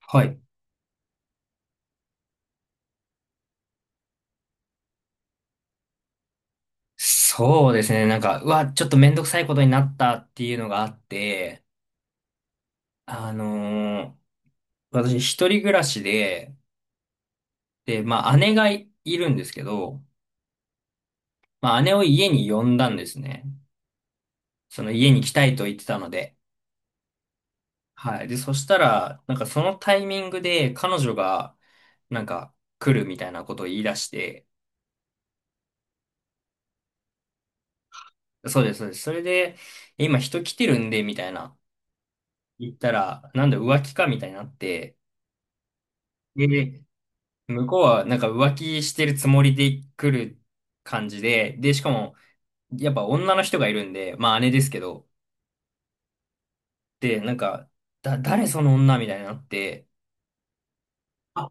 はい。そうですね。なんか、うわ、ちょっとめんどくさいことになったっていうのがあって、あのー私一人暮らしで、で、まあ姉がいるんですけど、まあ姉を家に呼んだんですね。その家に来たいと言ってたので。はい。で、そしたら、なんかそのタイミングで彼女が、なんか来るみたいなことを言い出して、そうです、そうです。それで、今人来てるんで、みたいな。言ったら、なんだ浮気かみたいになって、で向こうはなんか浮気してるつもりで来る感じで、で、しかも、やっぱ女の人がいるんで、まあ姉ですけど、で、なんか、誰その女みたいになって、あ、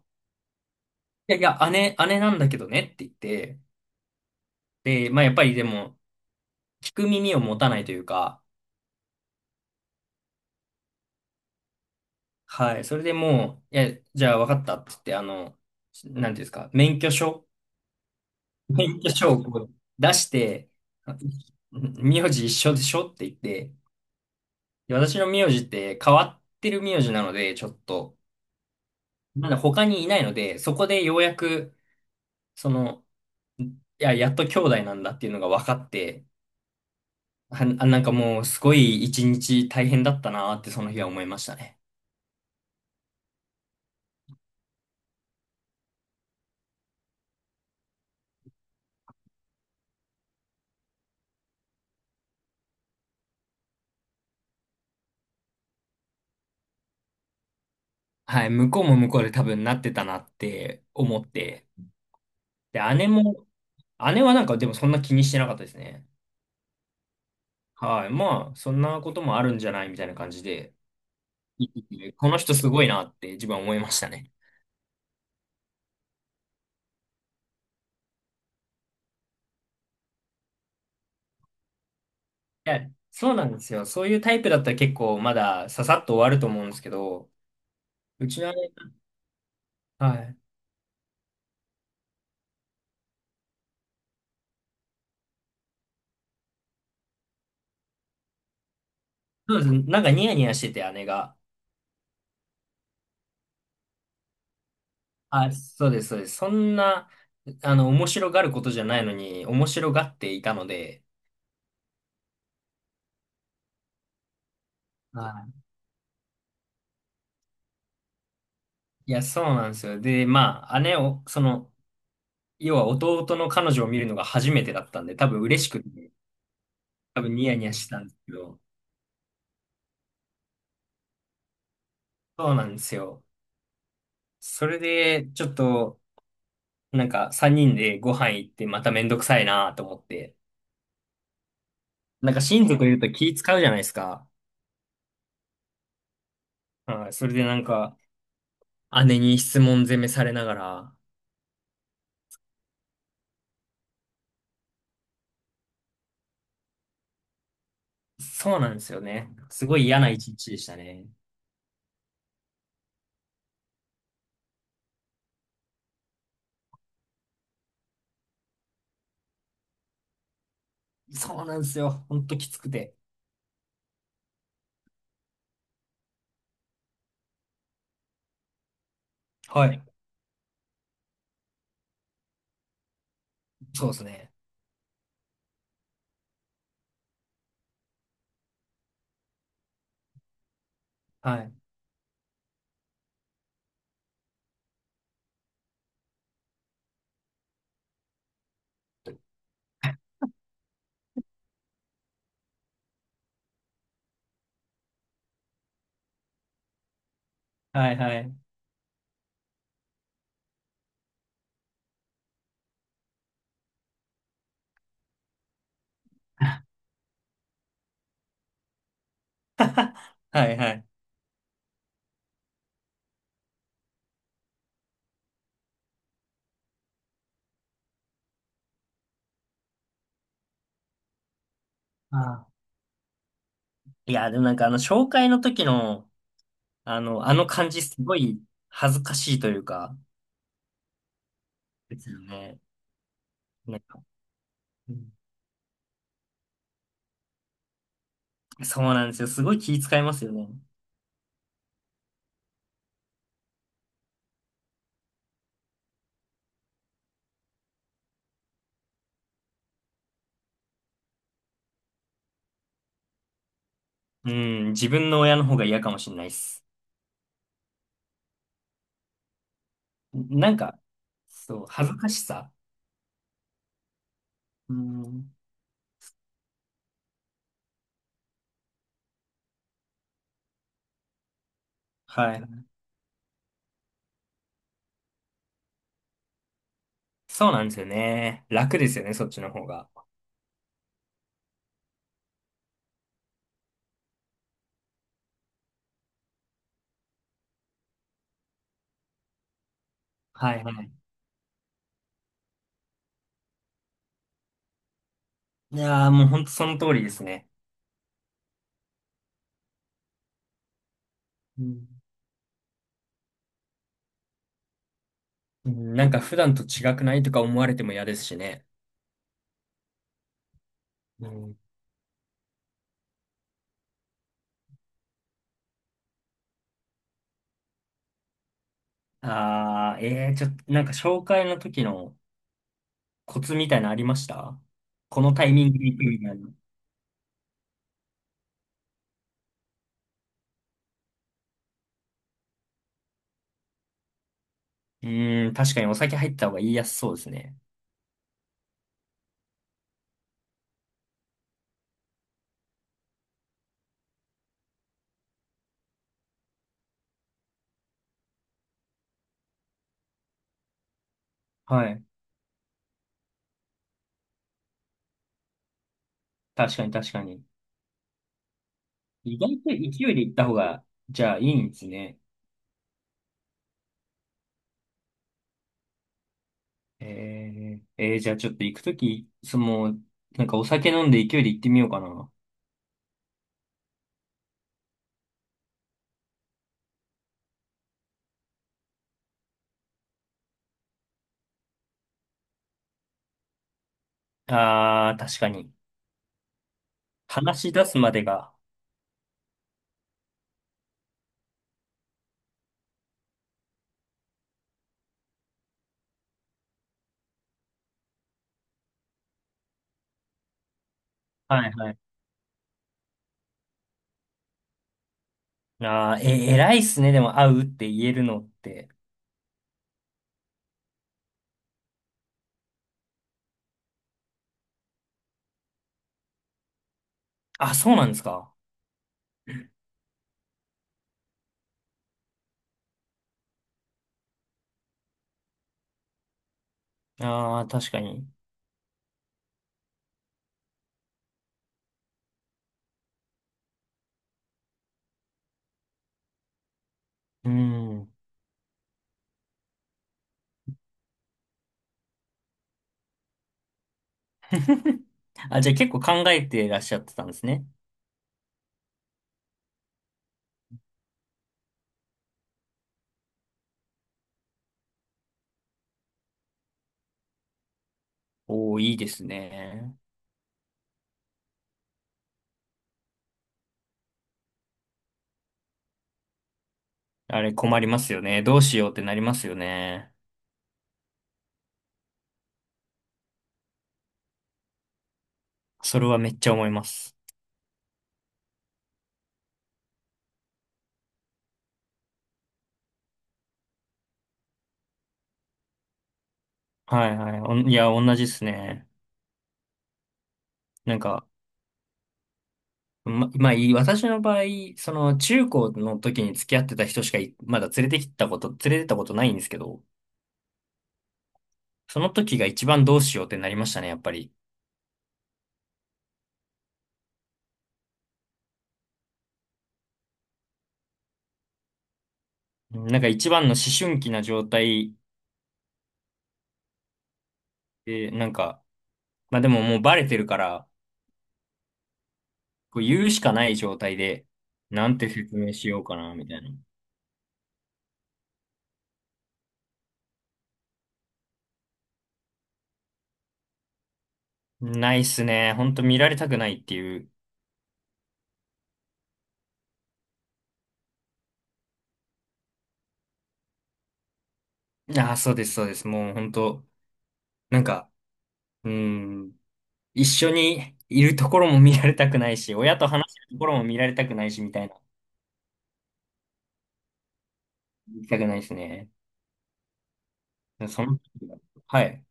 いやいや、姉なんだけどねって言って、で、まあやっぱりでも、聞く耳を持たないというか、はい、それでもう、いや、じゃあ分かったって言って、あの、なんていうんですか、免許証をこう出して、名字一緒でしょって言って、で私の名字って変わってる名字なので、ちょっと、まだ他にいないので、そこでようやく、その、いや、やっと兄弟なんだっていうのが分かって、はあ、あなんかもうすごい一日大変だったなーってその日は思いましたね。はい、向こうも向こうで多分なってたなって思って、で、姉も、姉はなんかでもそんな気にしてなかったですね。はい、まあ、そんなこともあるんじゃないみたいな感じで、いいいいこの人すごいなって自分は思いましたね。いや、そうなんですよ。そういうタイプだったら結構まだささっと終わると思うんですけど、うちの姉、はい。そうです。なんかニヤニヤしてて、姉が。あ、そうです、そうです。そんな、あの、面白がることじゃないのに、面白がっていたので、はい。いや、そうなんですよ。で、まあ、姉を、その、要は弟の彼女を見るのが初めてだったんで、多分嬉しくて、多分ニヤニヤしてたんですけど、そうなんですよ。それで、ちょっと、なんか、三人でご飯行って、まためんどくさいなと思って、なんか親族いると気使うじゃないですか。はい。それでなんか、姉に質問攻めされながら。そうなんですよね。すごい嫌な一日でしたね。そうなんですよ。ほんときつくて。はい。そうですね。はい。はいはい。はいはい。ああ。いや、でもなんかあの、紹介の時の、あの、あの感じすごい恥ずかしいというか、ですよね。なんか、うんそうなんですよ。すごい気遣いますよね。うん、自分の親の方が嫌かもしれないです。なんか、そう、恥ずかしさ。うん。はい。そうなんですよね。楽ですよね、そっちの方が。はいはい。いやー、もうほんとその通りですね。うん。うんなんか普段と違くないとか思われても嫌ですしね。うん。あー、えー、ちょっと、なんか紹介の時のコツみたいなのありましたこのタイミングで行くみたいな。うーん、確かにお酒入った方が言いやすそうですね。はい。確かに確かに。意外と勢いで行った方が、じゃあいいんですね。ええーじゃあちょっと行くとき、その、なんかお酒飲んで勢いで行ってみようかな。あー、確かに。話し出すまでが。はいはい。あー、え、偉いっすね。でも会うって言えるのって。あ、そうなんですか。あー、確かに。うん。あ、じゃあ結構考えてらっしゃってたんですね。おー、いいですね。あれ困りますよね。どうしようってなりますよね。それはめっちゃ思います。はいはい。おんいや、同じですね。なんか、まあいい、私の場合、その中高の時に付き合ってた人しかいまだ連れてったことないんですけど、その時が一番どうしようってなりましたね、やっぱり。なんか一番の思春期な状態で、なんか、まあでももうバレてるから、こう言うしかない状態で、なんて説明しようかな、みたいな。ないっすね。ほんと見られたくないっていう。ああ、そうです、そうです。もうほんと、なんか、うーん。一緒にいるところも見られたくないし、親と話してるところも見られたくないし、みたいな。見たくないですね。その、はい。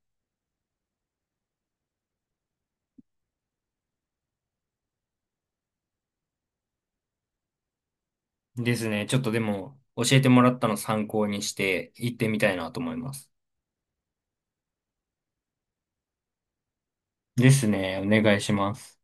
ですね。ちょっとでも、教えてもらったの参考にして、行ってみたいなと思います。ですね。お願いします。